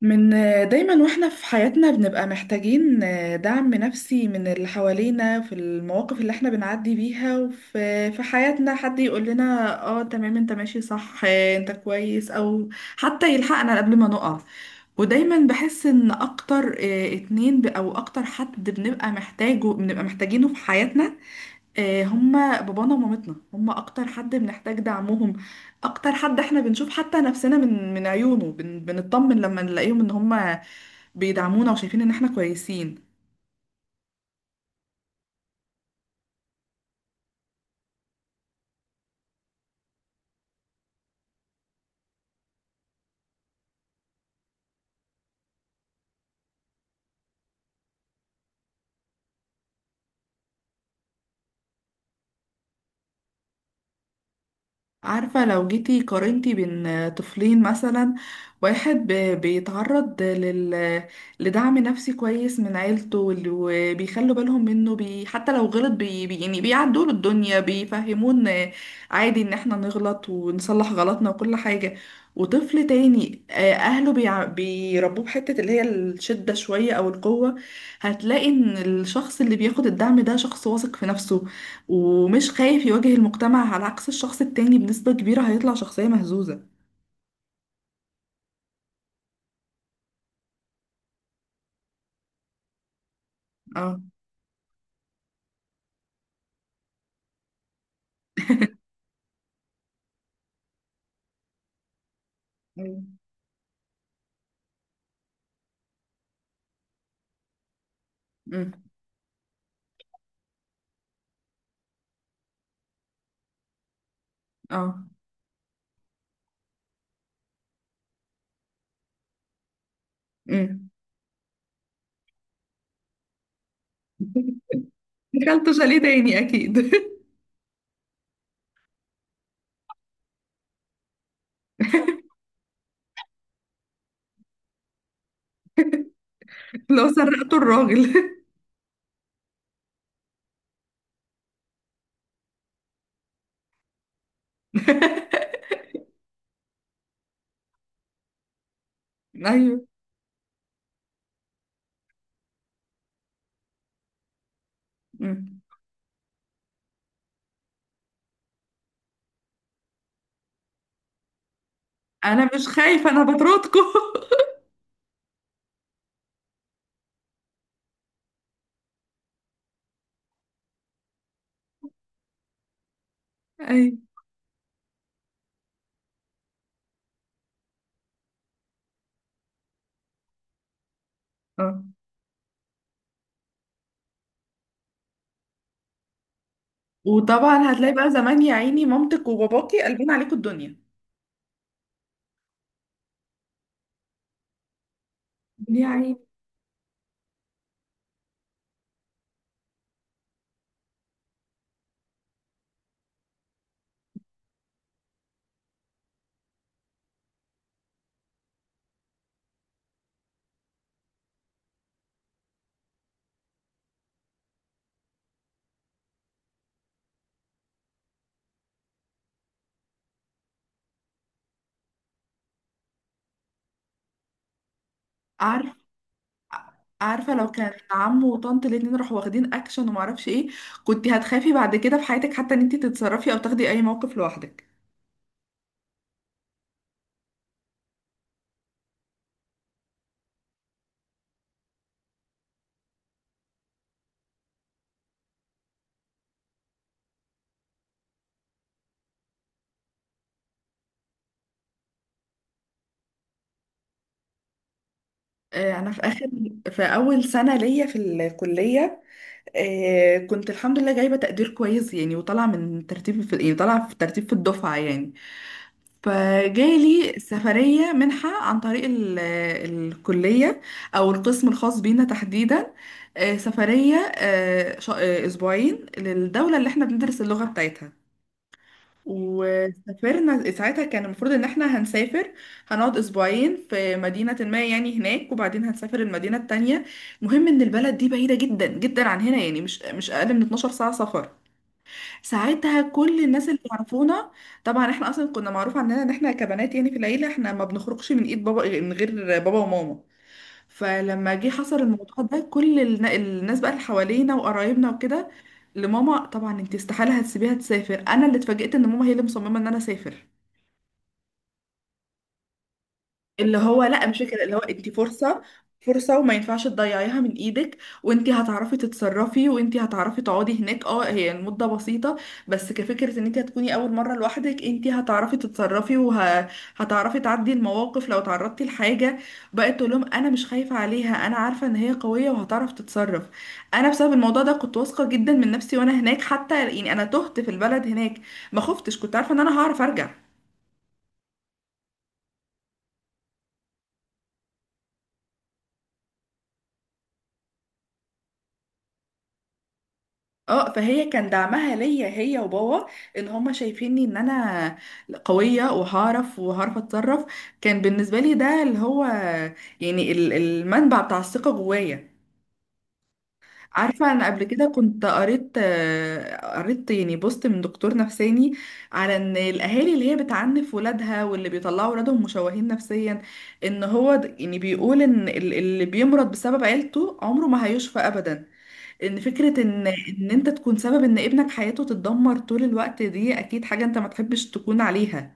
من دايما واحنا في حياتنا بنبقى محتاجين دعم نفسي من اللي حوالينا في المواقف اللي احنا بنعدي بيها، وفي حياتنا حد يقول لنا اه تمام انت ماشي صح، انت كويس او حتى يلحقنا قبل ما نقع. ودايما بحس ان اكتر، اتنين او اكتر حد بنبقى محتاجينه في حياتنا، هما بابانا ومامتنا. هما اكتر حد بنحتاج دعمهم، اكتر حد احنا بنشوف حتى نفسنا من عيونه. بنطمن لما نلاقيهم ان هما بيدعمونا وشايفين ان احنا كويسين. عارفة لو جيتي قارنتي بين طفلين مثلا، واحد بيتعرض لدعم نفسي كويس من عيلته، وبيخلوا بالهم منه، حتى لو غلط، يعني بيعدوا له الدنيا، بيفهمون عادي ان احنا نغلط ونصلح غلطنا وكل حاجة. وطفل تاني، اهله بيربوه بحتة اللي هي الشدة شوية او القوة. هتلاقي ان الشخص اللي بياخد الدعم ده شخص واثق في نفسه ومش خايف يواجه المجتمع، على عكس الشخص التاني بنسبة كبيرة هيطلع شخصية مهزوزة. اه. أيوة. أمم. اه. أمم. دخلت شاليه تاني اكيد. لو سرقته الراجل. ايوه. أمم. انا مش خايفة، انا بطردكم. ايوه. اه. وطبعا هتلاقي بقى زمان يا عيني مامتك وباباكي قلبين عليكم الدنيا. يا عيني. عارفة. عارفه لو كان عم وطنط الاتنين راحوا واخدين اكشن ومعرفش ايه، كنت هتخافي بعد كده في حياتك حتى ان انت تتصرفي او تاخدي اي موقف لوحدك. آه، انا في اخر في اول سنه ليا في الكليه، كنت الحمد لله جايبه تقدير كويس يعني، وطالعه من ترتيب في، يعني طالعه في ترتيب في الدفعه يعني. فجالي سفريه منحه عن طريق الكليه، او القسم الخاص بينا تحديدا، سفريه اسبوعين للدوله اللي احنا بندرس اللغه بتاعتها. وسافرنا ساعتها، كان المفروض ان احنا هنسافر، هنقعد اسبوعين في مدينة ما يعني هناك وبعدين هنسافر المدينة التانية. مهم ان البلد دي بعيدة جدا جدا عن هنا، يعني مش اقل من 12 ساعة سفر. ساعتها كل الناس اللي يعرفونا، طبعا احنا اصلا كنا معروف عننا ان احنا كبنات يعني في العيلة، احنا ما بنخرجش من ايد بابا من غير بابا وماما. فلما جه حصل الموضوع ده، كل الناس بقى اللي حوالينا وقرايبنا وكده لماما، طبعا انت استحالة هتسيبيها تسافر. انا اللي اتفاجئت ان ماما هي اللي مصممة ان انا اسافر، اللي هو لا مش فكرة، اللي هو انت فرصة، فرصة وما ينفعش تضيعيها من ايدك. وانت هتعرفي تتصرفي وانت هتعرفي تقعدي هناك، اه هي المدة بسيطة بس كفكرة ان انت هتكوني اول مرة لوحدك، انت هتعرفي تتصرفي وهتعرفي تعدي المواقف لو تعرضتي لحاجة. بقت تقول لهم انا مش خايفة عليها، انا عارفة ان هي قوية وهتعرف تتصرف. انا بسبب الموضوع ده كنت واثقة جدا من نفسي، وانا هناك حتى يعني انا تهت في البلد هناك ما خفتش، كنت عارفة ان انا هعرف ارجع. اه فهي كان دعمها ليا هي وبابا، ان هما شايفيني ان انا قوية وهعرف اتصرف. كان بالنسبة لي ده اللي هو يعني المنبع بتاع الثقة جوايا. عارفة انا قبل كده كنت قريت، قريت يعني بوست من دكتور نفساني، على ان الاهالي اللي هي بتعنف ولادها واللي بيطلعوا ولادهم مشوهين نفسيا. ان هو يعني بيقول ان اللي بيمرض بسبب عيلته عمره ما هيشفى ابدا. ان فكرة ان انت تكون سبب ان ابنك حياته تتدمر طول الوقت، دي اكيد حاجة انت ما تحبش تكون عليها.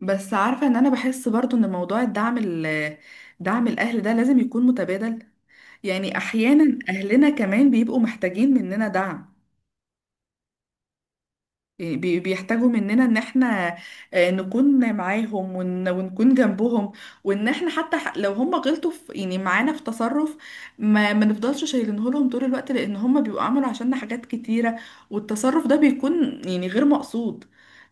بس عارفة ان انا بحس برضو ان موضوع دعم الاهل ده لازم يكون متبادل. يعني احيانا اهلنا كمان بيبقوا محتاجين مننا دعم، إيه، بيحتاجوا مننا ان احنا، نكون معاهم ونكون جنبهم. وان احنا حتى لو هم غلطوا في يعني معانا في تصرف، ما نفضلش شايلينه لهم طول الوقت، لان هم بيبقوا عملوا عشاننا حاجات كتيرة والتصرف ده بيكون يعني غير مقصود.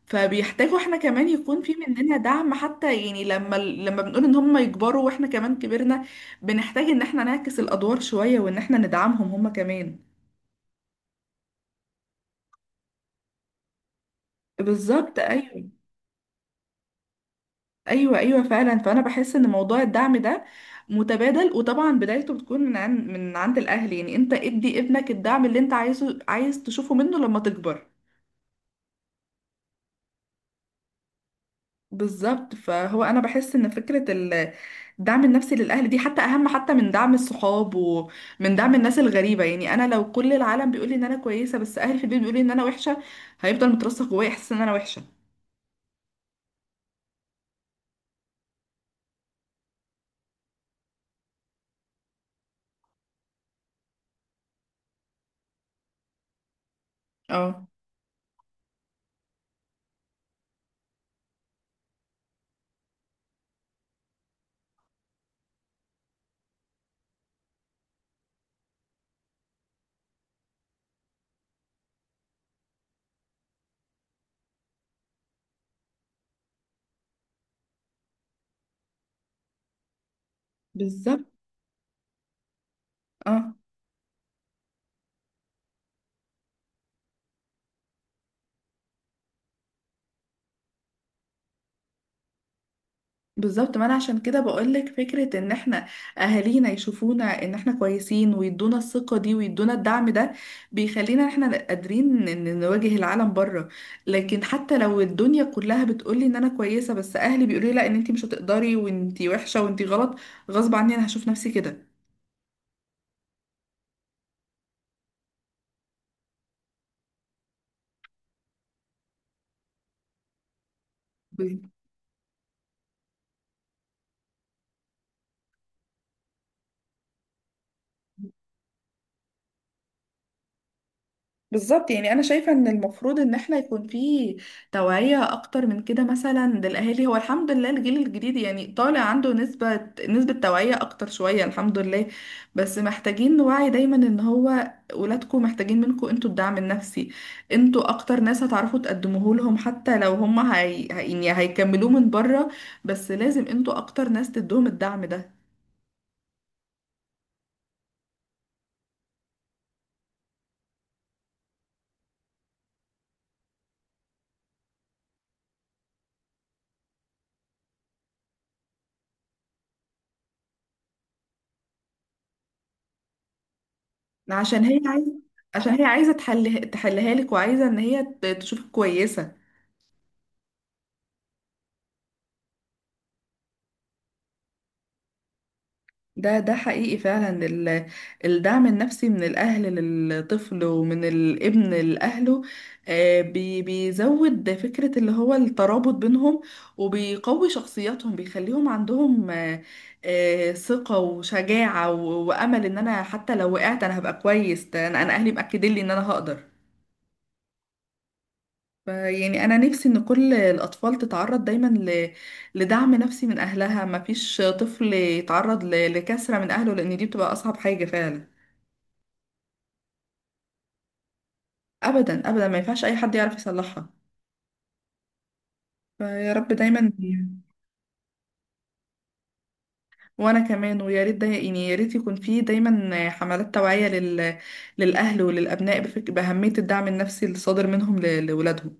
فبيحتاجوا احنا كمان يكون في مننا دعم، حتى يعني لما لما بنقول ان هم يكبروا واحنا كمان كبرنا، بنحتاج ان احنا نعكس الادوار شوية وان احنا ندعمهم هم كمان. بالظبط. ايوه، ايوه، ايوه فعلا، فانا بحس ان موضوع الدعم ده متبادل، وطبعا بدايته بتكون من عند الاهل، يعني انت ادي ابنك الدعم اللي انت عايزه عايز تشوفه منه لما تكبر. بالظبط. فهو انا بحس ان فكره الدعم النفسي للاهل دي حتى اهم، حتى من دعم الصحاب ومن دعم الناس الغريبه. يعني انا لو كل العالم بيقول لي ان انا كويسه، بس اهلي في البيت بيقولوا لي ان انا وحشه، هيفضل مترسخ جوايا احساس ان انا وحشه. اه. بالظبط. اه بالظبط. ما انا عشان كده بقولك فكرة ان احنا اهالينا يشوفونا ان احنا كويسين ويدونا الثقة دي ويدونا الدعم ده، بيخلينا إن احنا قادرين ان نواجه العالم بره. لكن حتى لو الدنيا كلها بتقولي ان انا كويسة، بس اهلي بيقولوا لي لا ان انتي مش هتقدري وانتي وحشة وانتي غلط، غصب عني انا هشوف نفسي كده. بالظبط. يعني انا شايفه ان المفروض ان احنا يكون في توعيه اكتر من كده مثلا للاهالي. هو الحمد لله الجيل الجديد يعني طالع عنده نسبه، توعيه اكتر شويه الحمد لله، بس محتاجين نوعي دايما ان هو ولادكم محتاجين منكم انتوا الدعم النفسي. انتوا اكتر ناس هتعرفوا تقدموه لهم، حتى لو هم يعني هيكملوه من بره، بس لازم انتوا اكتر ناس تدوهم الدعم ده. عشان هي عايزه عشان هي عايزه تحل، تحلها لك وعايزه ان هي تشوفك كويسه. ده حقيقي فعلا، الدعم النفسي من الأهل للطفل ومن الابن لأهله، بيزود فكرة اللي هو الترابط بينهم، وبيقوي شخصياتهم بيخليهم عندهم، ثقة وشجاعة وأمل إن أنا حتى لو وقعت أنا هبقى كويس، ده أنا، أهلي مأكدين لي إن أنا هقدر. يعني انا نفسي ان كل الاطفال تتعرض دايما لدعم نفسي من اهلها، ما فيش طفل يتعرض لكسرة من اهله، لان دي بتبقى اصعب حاجة فعلا. ابدا ابدا، ما ينفعش اي حد يعرف يصلحها. فيا رب دايما. وانا كمان، ويا ريت داي... يعني يا ريت يكون في دايما حملات توعية للاهل وللابناء باهمية الدعم النفسي الصادر منهم لولادهم.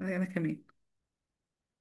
انا كمان.